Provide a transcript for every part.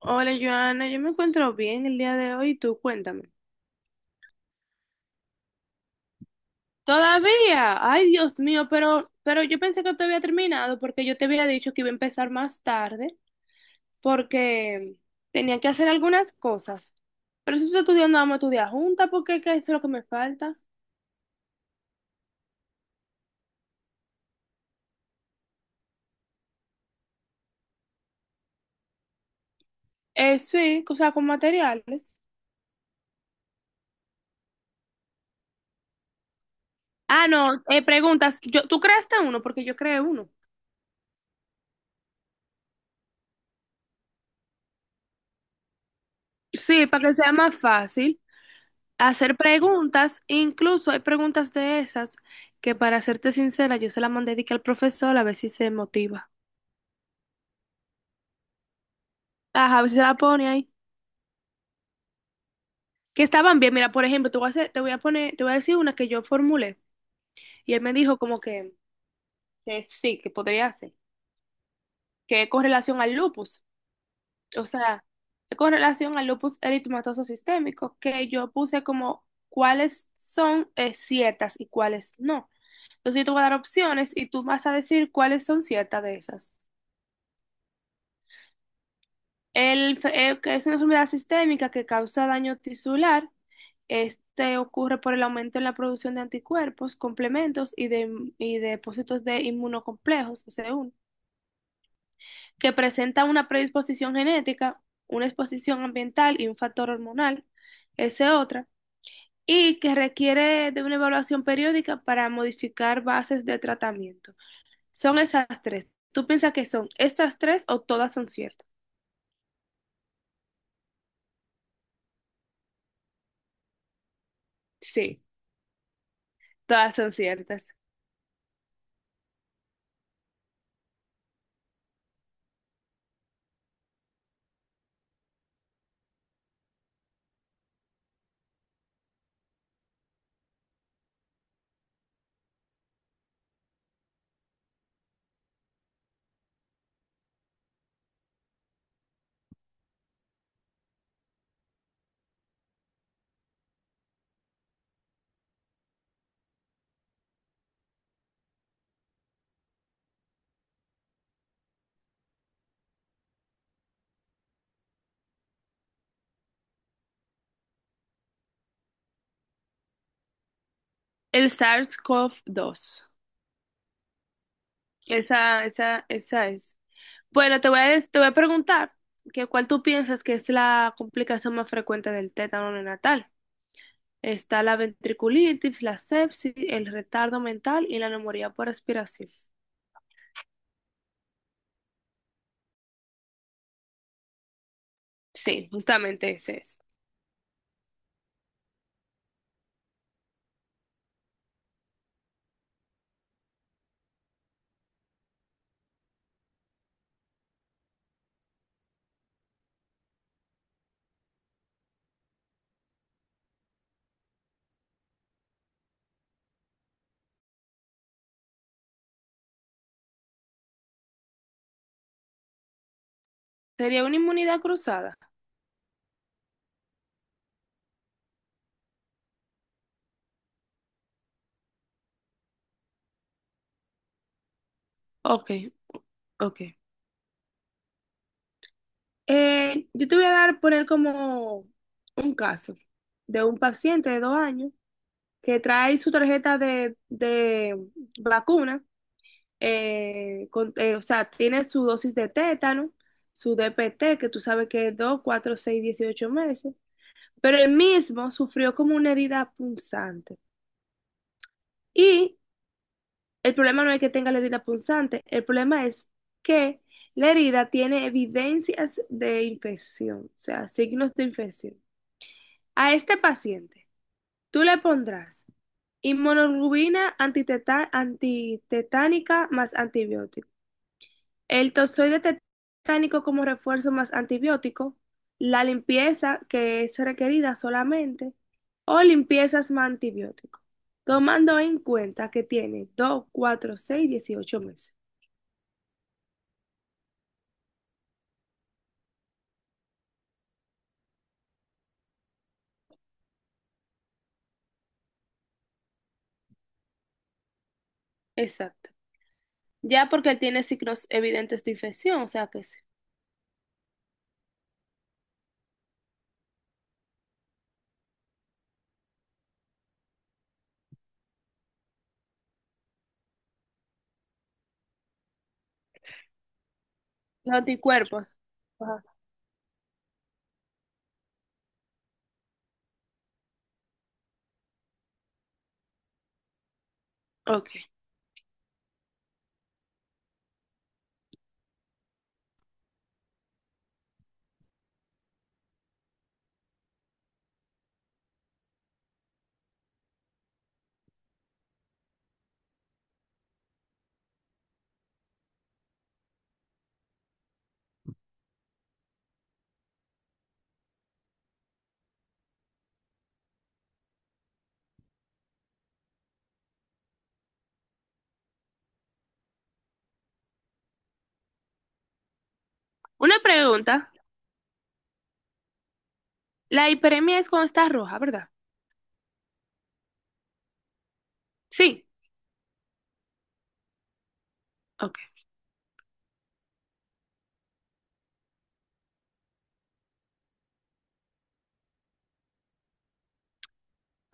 Hola, Joana, yo me encuentro bien el día de hoy, tú cuéntame. Todavía, ay Dios mío, pero yo pensé que te había terminado porque yo te había dicho que iba a empezar más tarde porque tenía que hacer algunas cosas. Pero si estoy estudiando, vamos a estudiar juntas porque ¿qué es lo que me falta? Sí, o sea, con materiales. Ah, no, preguntas, yo, ¿tú creaste uno? Porque yo creé uno. Sí, para que sea más fácil. Hacer preguntas, incluso hay preguntas de esas que para serte sincera, yo se las mandé de que al profesor a ver si se motiva. Ajá, a ver si se la pone ahí. Que estaban bien, mira, por ejemplo, te voy a decir una que yo formulé y él me dijo como que sí, que podría hacer, que es con relación al lupus, o sea, con relación al lupus eritematoso sistémico, que yo puse como cuáles son ciertas y cuáles no. Entonces yo te voy a dar opciones y tú vas a decir cuáles son ciertas de esas. Que es una enfermedad sistémica que causa daño tisular. Este ocurre por el aumento en la producción de anticuerpos, complementos y y depósitos de inmunocomplejos, SE1, que presenta una predisposición genética, una exposición ambiental y un factor hormonal, ese otra, y que requiere de una evaluación periódica para modificar bases de tratamiento. Son esas tres. ¿Tú piensas que son estas tres o todas son ciertas? Sí, todas son ciertas. El SARS-CoV-2. Esa, esa, esa es. Bueno, te voy a preguntar que cuál tú piensas que es la complicación más frecuente del tétano neonatal. Está la ventriculitis, la sepsis, el retardo mental y la neumonía por aspiración. Sí, justamente ese es. ¿Sería una inmunidad cruzada? Ok, ok. Yo te voy a poner como un caso de un paciente de 2 años que trae su tarjeta de vacuna, o sea, tiene su dosis de tétano, su DPT, que tú sabes que es 2, 4, 6, 18 meses, pero él mismo sufrió como una herida punzante. Y el problema no es que tenga la herida punzante, el problema es que la herida tiene evidencias de infección, o sea, signos de infección. A este paciente, tú le pondrás inmunoglobulina antitetánica más antibiótico. El tozoide tetánico como refuerzo más antibiótico, la limpieza que es requerida solamente, o limpiezas más antibiótico, tomando en cuenta que tiene 2 4 6 18 meses. Exacto. Ya porque él tiene signos evidentes de infección, o sea que sí. Los anticuerpos. Ajá. Ok. Una pregunta. La hiperemia es cuando está roja, ¿verdad? Sí. Ok.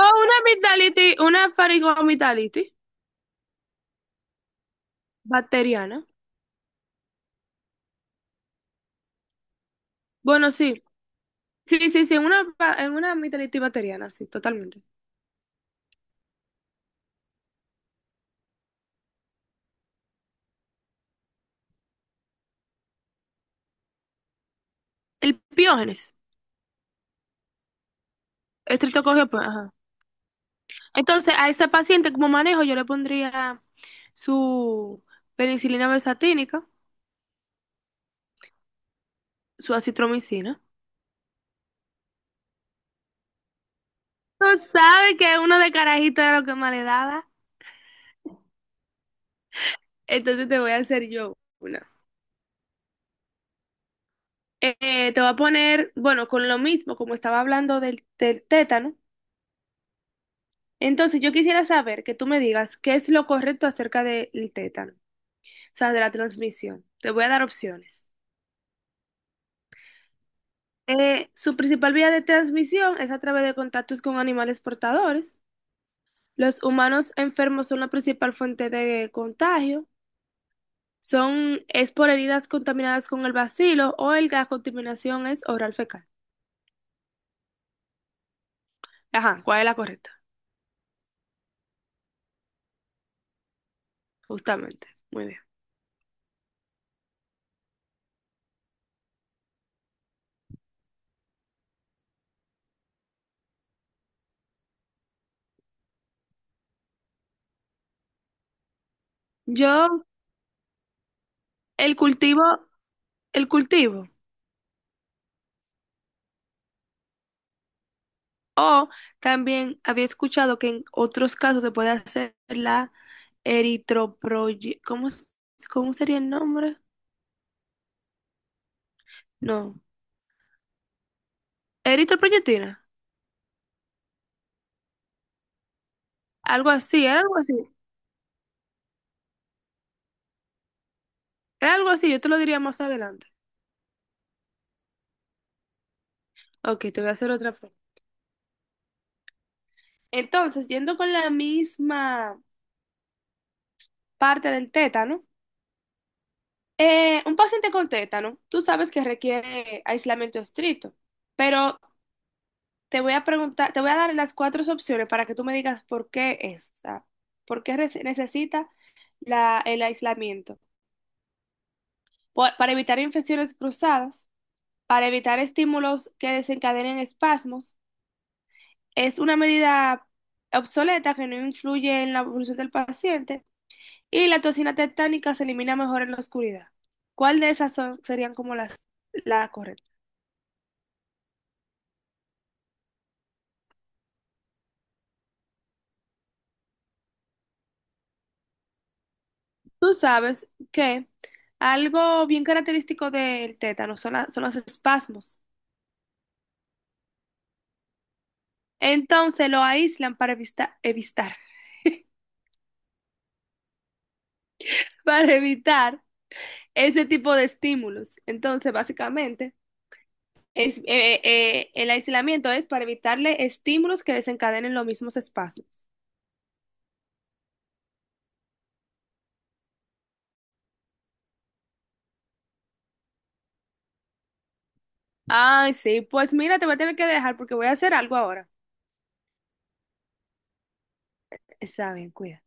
O una amigdalitis, una faringoamigdalitis bacteriana. Bueno, sí. Sí, sí, sí, en en una amígdala antibacteriana, sí, totalmente. El piógenes, estreptococcio, pues, ajá. Entonces, a ese paciente como manejo yo le pondría su penicilina besatínica, su acitromicina. Tú sabes que una de carajito era lo que más le daba, entonces te voy a hacer yo una. Te voy a poner, bueno, con lo mismo, como estaba hablando del tétano, entonces yo quisiera saber que tú me digas qué es lo correcto acerca del tétano, o sea, de la transmisión. Te voy a dar opciones. Su principal vía de transmisión es a través de contactos con animales portadores. Los humanos enfermos son la principal fuente de contagio. Son, es por heridas contaminadas con el bacilo o la contaminación es oral fecal. Ajá, ¿cuál es la correcta? Justamente. Muy bien. Yo, el cultivo, el cultivo. O también había escuchado que en otros casos se puede hacer la eritroproye, ¿cómo, cómo sería el nombre? No. Eritroproyectina. Algo así, era algo así. Era algo así, yo te lo diría más adelante. Ok, te voy a hacer otra pregunta. Entonces, yendo con la misma parte del tétano, un paciente con tétano, tú sabes que requiere aislamiento estricto, pero te voy a preguntar, te voy a dar las cuatro opciones para que tú me digas por qué es, o sea, por qué necesita el aislamiento. Para evitar infecciones cruzadas, para evitar estímulos que desencadenen espasmos. Es una medida obsoleta que no influye en la evolución del paciente y la toxina tetánica se elimina mejor en la oscuridad. ¿Cuál de esas serían como las la correcta? Tú sabes que algo bien característico del tétano son los espasmos. Entonces lo aíslan para para evitar ese tipo de estímulos. Entonces, básicamente, el aislamiento es para evitarle estímulos que desencadenen los mismos espasmos. Ay, sí, pues mira, te voy a tener que dejar porque voy a hacer algo ahora. Está bien, cuida.